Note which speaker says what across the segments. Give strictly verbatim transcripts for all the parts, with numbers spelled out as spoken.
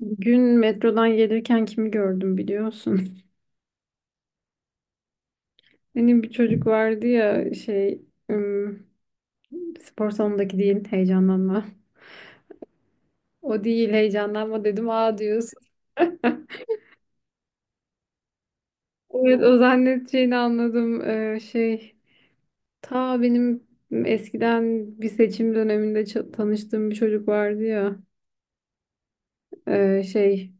Speaker 1: Gün metrodan gelirken kimi gördüm biliyorsun. Benim bir çocuk vardı ya şey ım, spor salonundaki değil, heyecanlanma. O değil, heyecanlanma dedim, aa diyorsun. Evet, o zannedeceğini anladım. Ee, şey ta benim eskiden bir seçim döneminde ça- tanıştığım bir çocuk vardı ya. Ee, şey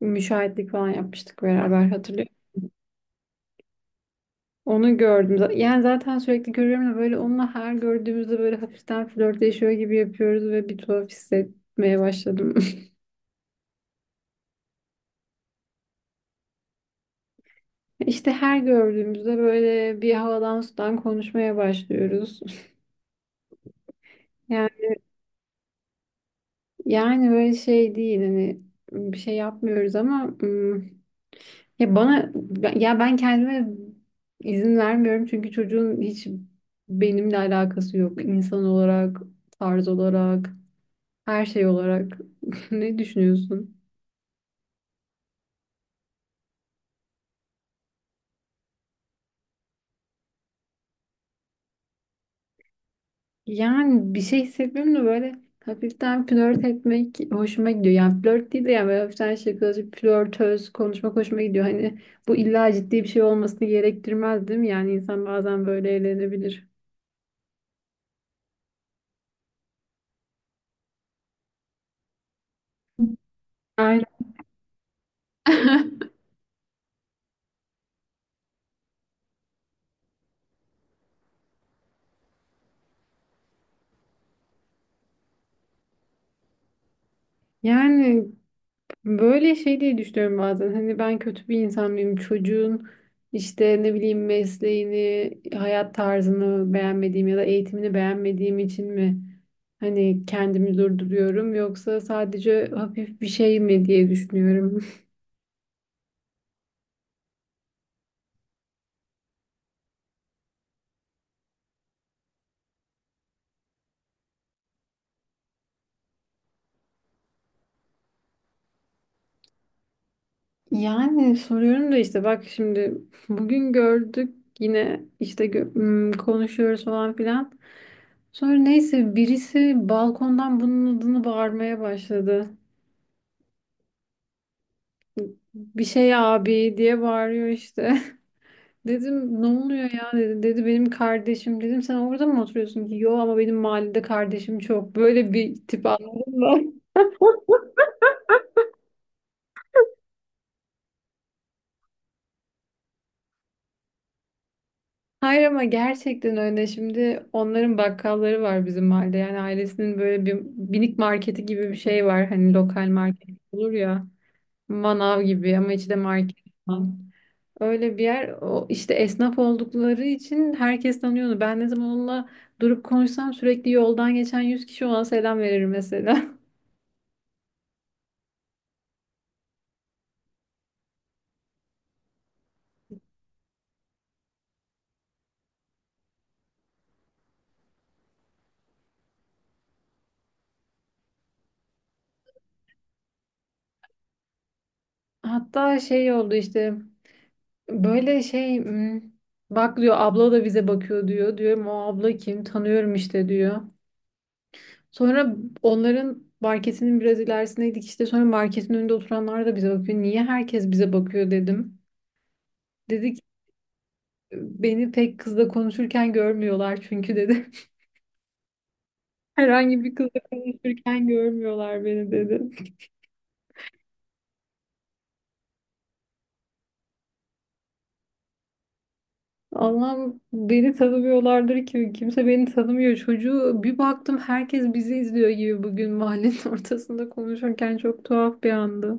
Speaker 1: müşahitlik falan yapmıştık beraber, hatırlıyor Onu gördüm. Z- Yani zaten sürekli görüyorum da, böyle onunla her gördüğümüzde böyle hafiften flörtleşiyor gibi yapıyoruz ve bir tuhaf hissetmeye başladım. İşte her gördüğümüzde böyle bir havadan sudan konuşmaya başlıyoruz. Yani, yani böyle şey değil, hani bir şey yapmıyoruz ama ım, ya bana ben- ya ben kendime izin vermiyorum çünkü çocuğun hiç benimle alakası yok. İnsan olarak, tarz olarak, her şey olarak. Ne düşünüyorsun? Yani bir şey hissetmiyorum da böyle hafiften flört etmek hoşuma gidiyor. Yani flört değil de, yani böyle hafiften şakacı, flörtöz konuşmak hoşuma gidiyor. Hani bu illa ciddi bir şey olmasını gerektirmez değil mi? Yani insan bazen böyle eğlenebilir. Aynen. Yani böyle şey diye düşünüyorum bazen. Hani ben kötü bir insan mıyım? Çocuğun işte ne bileyim, mesleğini, hayat tarzını beğenmediğim ya da eğitimini beğenmediğim için mi hani kendimi durduruyorum, yoksa sadece hafif bir şey mi diye düşünüyorum. Yani soruyorum da, işte bak şimdi bugün gördük yine, işte gö- m, konuşuyoruz falan filan. Sonra neyse, birisi balkondan bunun adını bağırmaya başladı. Bir şey abi diye bağırıyor işte. Dedim ne oluyor ya, dedi. Dedi benim kardeşim. Dedim sen orada mı oturuyorsun ki? Yo, ama benim mahallede kardeşim çok. Böyle bir tip, anladın mı? Hayır, ama gerçekten öyle. Şimdi onların bakkalları var bizim mahallede. Yani ailesinin böyle bir minik marketi gibi bir şey var. Hani lokal market olur ya. Manav gibi ama içi de market falan. Öyle bir yer o, işte esnaf oldukları için herkes tanıyordu. Ben ne zaman onunla durup konuşsam sürekli yoldan geçen yüz kişi ona selam verir mesela. Hatta şey oldu işte, böyle şey hmm, bak diyor, abla da bize bakıyor diyor. Diyorum o abla kim, tanıyorum işte diyor. Sonra onların marketinin biraz ilerisindeydik, işte sonra marketin önünde oturanlar da bize bakıyor. Niye herkes bize bakıyor dedim. Dedi ki beni pek kızla konuşurken görmüyorlar çünkü dedi. Herhangi bir kızla konuşurken görmüyorlar beni, dedi. Allah'ım, beni tanımıyorlardır ki, kimse beni tanımıyor. Çocuğu bir baktım herkes bizi izliyor gibi, bugün mahallenin ortasında konuşurken çok tuhaf bir andı.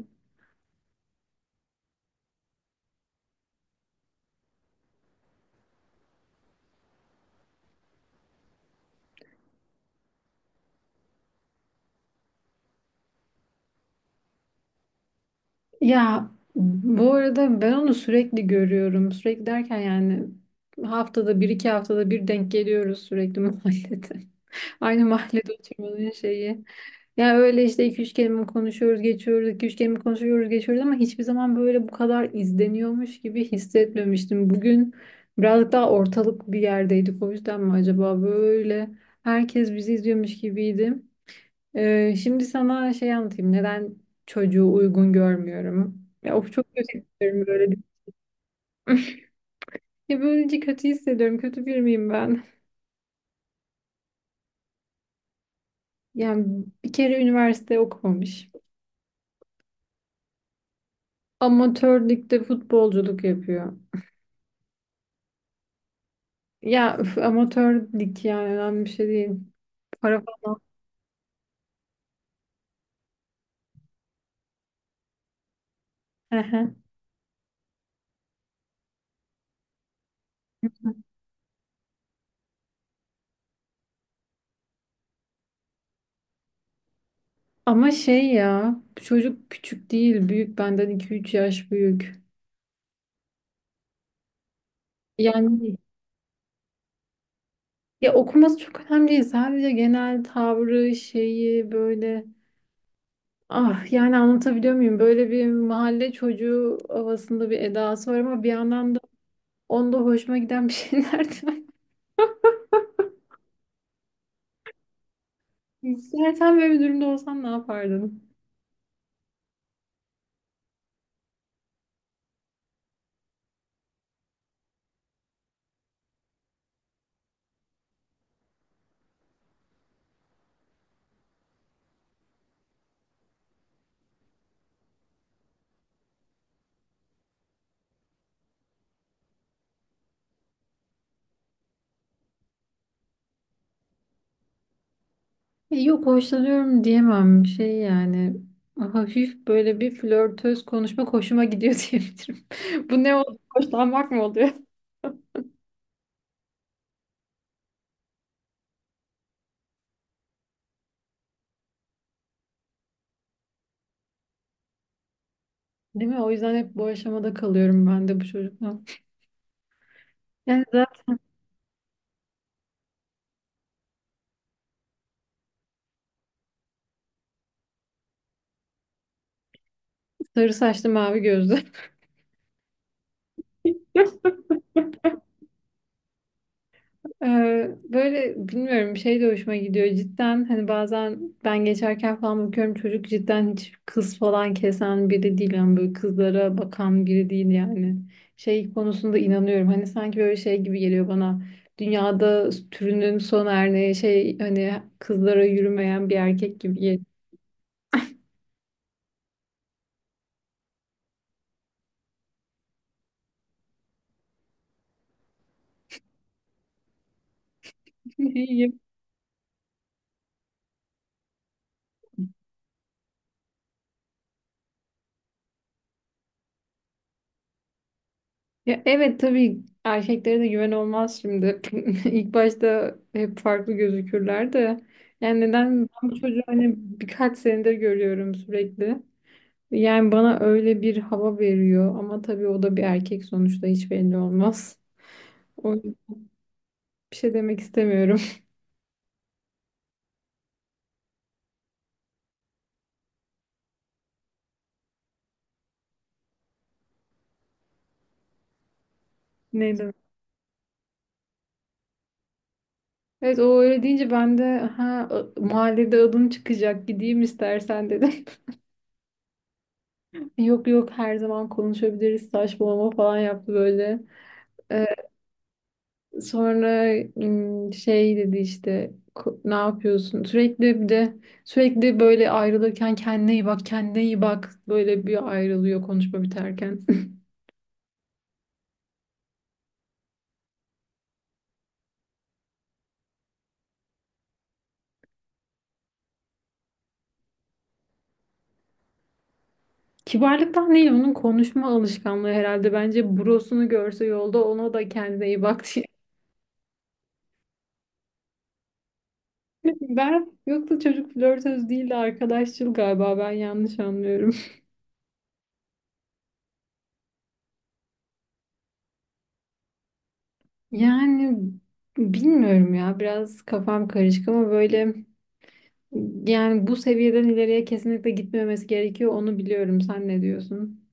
Speaker 1: Ya bu arada ben onu sürekli görüyorum. Sürekli derken yani haftada bir, iki haftada bir denk geliyoruz sürekli mahallede. Aynı mahallede oturmanın şeyi. Ya öyle işte, iki üç kelime konuşuyoruz geçiyoruz, iki üç kelime konuşuyoruz geçiyoruz ama hiçbir zaman böyle bu kadar izleniyormuş gibi hissetmemiştim. Bugün birazcık daha ortalık bir yerdeydik, o yüzden mi acaba böyle herkes bizi izliyormuş gibiydi. Ee, şimdi sana şey anlatayım, neden çocuğu uygun görmüyorum. Ya of, çok kötü hissediyorum böyle. Ya böylece kötü hissediyorum. Kötü bir miyim ben? Yani bir kere üniversite okumamış. Amatör ligde futbolculuk yapıyor. Ya üf, amatör lig yani önemli bir şey değil. Para falan. Ehe. Ama şey, ya çocuk küçük değil, büyük, benden iki üç yaş büyük. Yani ya okuması çok önemli değil. Sadece genel tavrı, şeyi böyle, ah, yani anlatabiliyor muyum? Böyle bir mahalle çocuğu havasında bir edası var, ama bir yandan da onda hoşuma giden bir şeyler de var. Sen böyle bir durumda olsan ne yapardın? E yok, hoşlanıyorum diyemem, şey yani hafif böyle bir flörtöz konuşma hoşuma gidiyor diyebilirim. Bu ne oldu? Hoşlanmak mı oluyor? Değil mi? O yüzden hep bu aşamada kalıyorum ben de bu çocukla. Yani zaten sarı saçlı mavi gözlü. Ee, böyle bilmiyorum, şey de hoşuma gidiyor cidden, hani bazen ben geçerken falan bakıyorum, çocuk cidden hiç kız falan kesen biri değil, yani böyle kızlara bakan biri değil yani. Şey konusunda inanıyorum, hani sanki böyle şey gibi geliyor bana, dünyada türünün son örneği şey, hani kızlara yürümeyen bir erkek gibi geliyor. Ya evet tabii, erkeklere de güven olmaz şimdi. İlk başta hep farklı gözükürler de. Yani neden, ben bu çocuğu hani birkaç senedir görüyorum sürekli. Yani bana öyle bir hava veriyor ama tabii o da bir erkek sonuçta, hiç belli olmaz. O bir şey demek istemiyorum. Ne demek? Evet, o öyle deyince ben de ha a- mahallede adın çıkacak, gideyim istersen dedim. Yok yok, her zaman konuşabiliriz, saçmalama falan yaptı böyle. Ee, Sonra ım, şey dedi işte, "Ko- ne yapıyorsun?" Sürekli bir de sürekli böyle ayrılırken kendine iyi bak, kendine iyi bak. Böyle bir ayrılıyor, konuşma biterken. Kibarlıktan değil, onun konuşma alışkanlığı herhalde. Bence brosunu görse yolda ona da kendine iyi bak diye. Ben yoksa çocuk flörtöz değil de arkadaşçıl galiba, ben yanlış anlıyorum. Yani bilmiyorum ya, biraz kafam karışık ama böyle, yani bu seviyeden ileriye kesinlikle gitmemesi gerekiyor. Onu biliyorum. Sen ne diyorsun?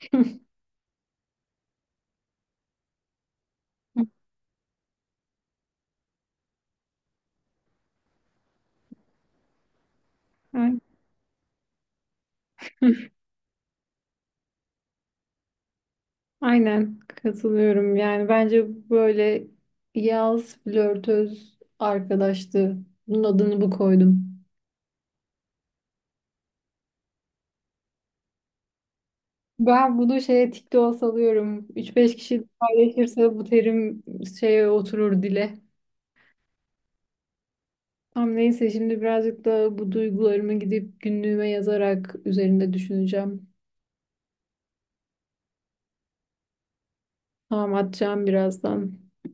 Speaker 1: Ay- Aynen katılıyorum. Yani bence böyle yaz flörtöz arkadaştı. Bunun adını bu koydum. Ben bunu şeye TikTok'a salıyorum. üç beş kişi paylaşırsa bu terim şeye oturur dile. Tam, neyse, şimdi birazcık da bu duygularımı gidip günlüğüme yazarak üzerinde düşüneceğim. Tamam, atacağım birazdan.